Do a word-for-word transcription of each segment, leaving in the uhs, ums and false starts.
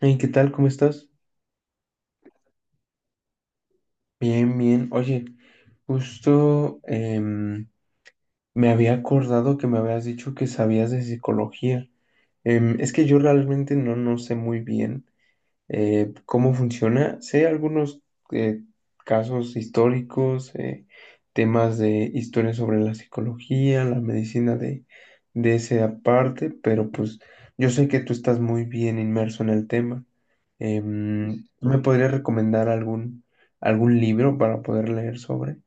Hey, ¿qué tal? ¿Cómo estás? Bien, bien. Oye, justo em, me había acordado que me habías dicho que sabías de psicología. Em, es que yo realmente no, no sé muy bien, eh, cómo funciona. Sé algunos eh, casos históricos, eh, temas de historia sobre la psicología, la medicina de, de esa parte, pero pues yo sé que tú estás muy bien inmerso en el tema. Em, ¿tú me podrías recomendar algún, algún libro para poder leer sobre?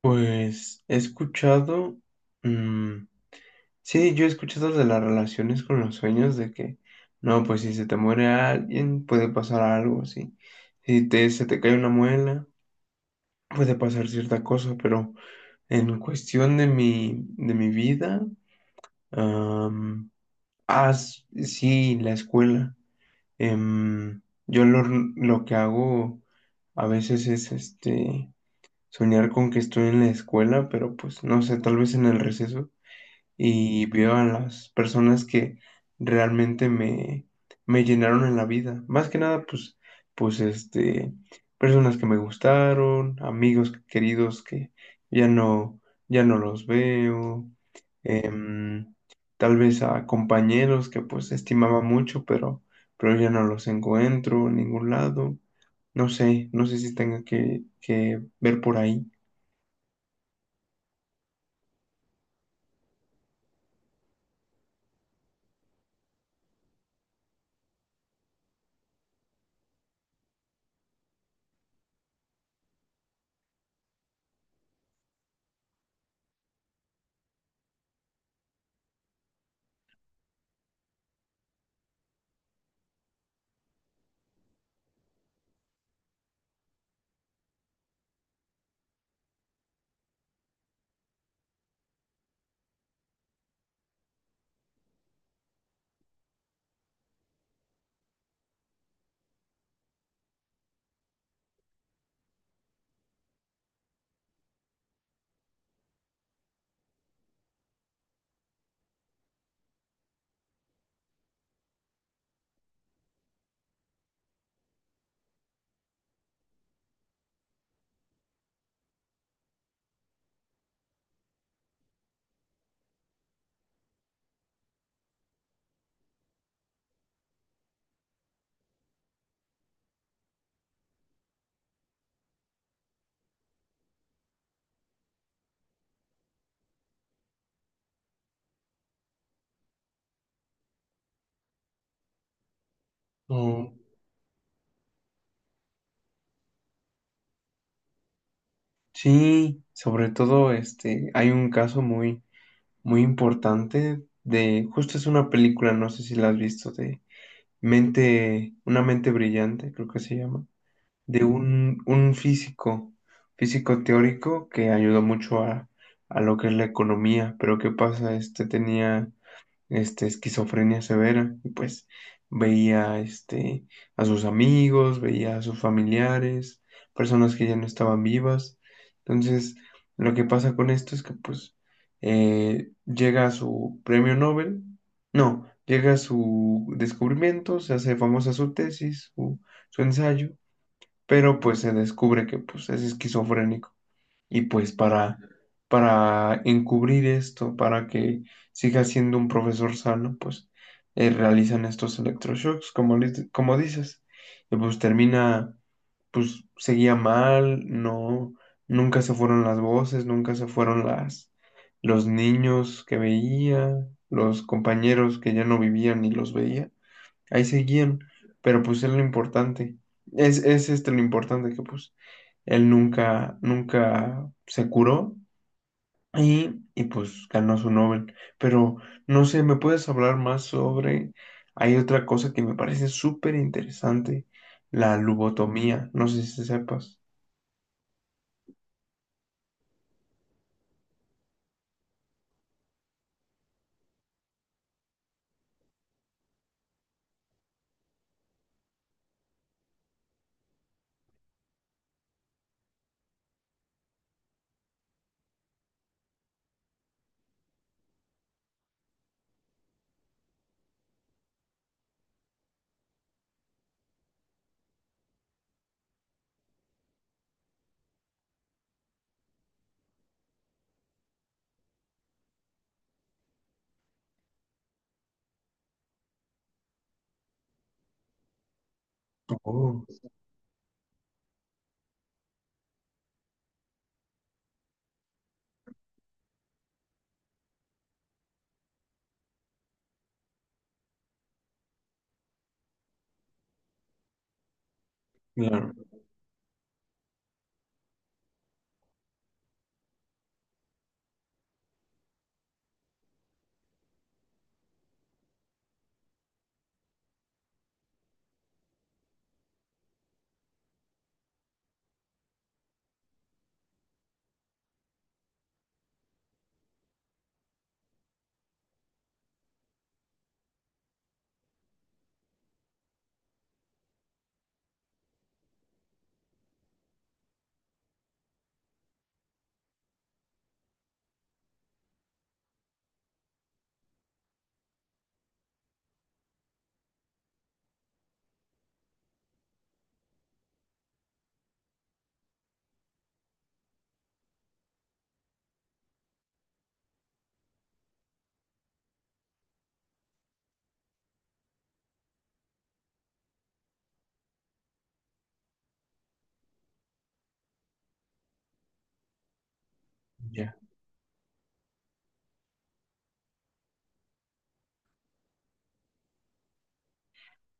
Pues he escuchado, sí, yo escucho escuchado de las relaciones con los sueños, de que, no, pues si se te muere alguien, puede pasar algo así. Si te, se te cae una muela, puede pasar cierta cosa, pero en cuestión de mi, de mi vida, am, ah, s- sí, la escuela. Em, yo lo, lo que hago a veces es este, soñar con que estoy en la escuela, pero pues no sé, tal vez en el receso. Y veo a las personas que realmente me, me llenaron en la vida. Más que nada, pues, pues este, personas que me gustaron, amigos queridos que ya no, ya no los veo, em, tal vez a compañeros que pues estimaba mucho, pero, pero ya no los encuentro en ningún lado. No sé, no sé si tenga que, que ver por ahí. Mm, sí, sobre todo este, hay un caso muy, muy importante de, justo es una película, no sé si la has visto, de Mente, una mente brillante, creo que se llama, de un, un físico, físico teórico que ayudó mucho a, a lo que es la economía, pero ¿qué pasa? Este tenía este, esquizofrenia severa, y pues veía este, a sus amigos, veía a sus familiares, personas que ya no estaban vivas. Entonces, lo que pasa con esto es que pues eh, llega a su premio Nobel, no, llega a su descubrimiento, se hace famosa su tesis, su, su ensayo, pero pues se descubre que pues es esquizofrénico. Y pues para, para encubrir esto, para que siga siendo un profesor sano, pues eh, realizan estos electroshocks, como, les- como dices. Y pues termina, pues seguía mal, no, nunca se fueron las voces, nunca se fueron las, los niños que veía, los compañeros que ya no vivían y los veía. Ahí seguían, pero pues es lo importante. Es, es este lo importante que pues él nunca, nunca se curó y, y, pues ganó su Nobel. Pero no sé, ¿me puedes hablar más sobre... Hay otra cosa que me parece súper interesante, la lobotomía. No sé si sepas. Oh, claro, ya.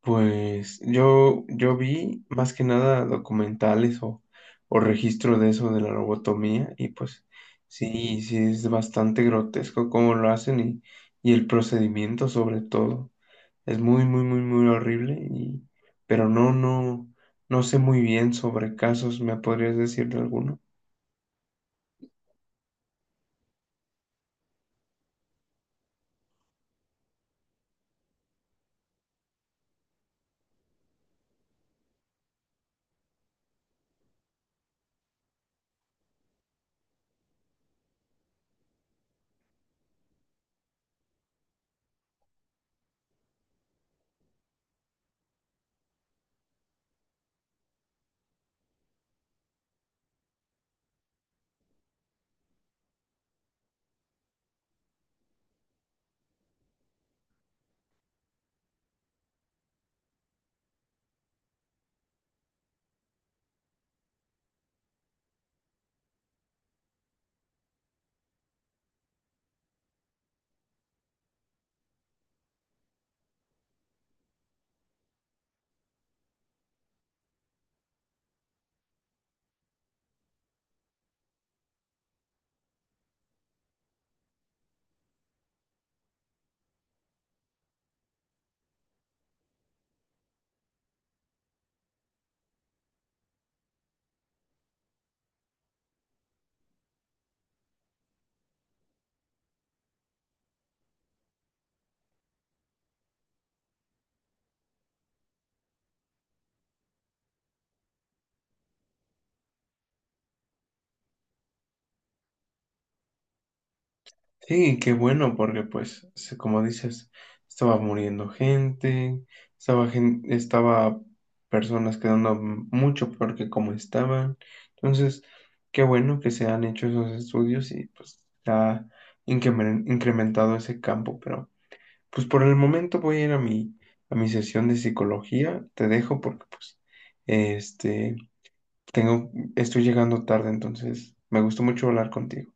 Pues yo, yo vi más que nada documentales o, o registro de eso de la lobotomía y pues sí, sí es bastante grotesco cómo lo hacen y, y el procedimiento sobre todo. Es muy, muy, muy, muy horrible y pero no, no, no sé muy bien sobre casos, ¿me podrías decir de alguno? Sí, qué bueno, porque pues, se- como dices, estaba muriendo gente, estaba gen- estaba personas quedando m- mucho peor que como estaban. Entonces, qué bueno que se han hecho esos estudios y pues se ha incremen- incrementado ese campo, pero pues por el momento voy a ir a mi, a mi sesión de psicología. Te dejo porque pues este tengo, estoy llegando tarde, entonces me gustó mucho hablar contigo.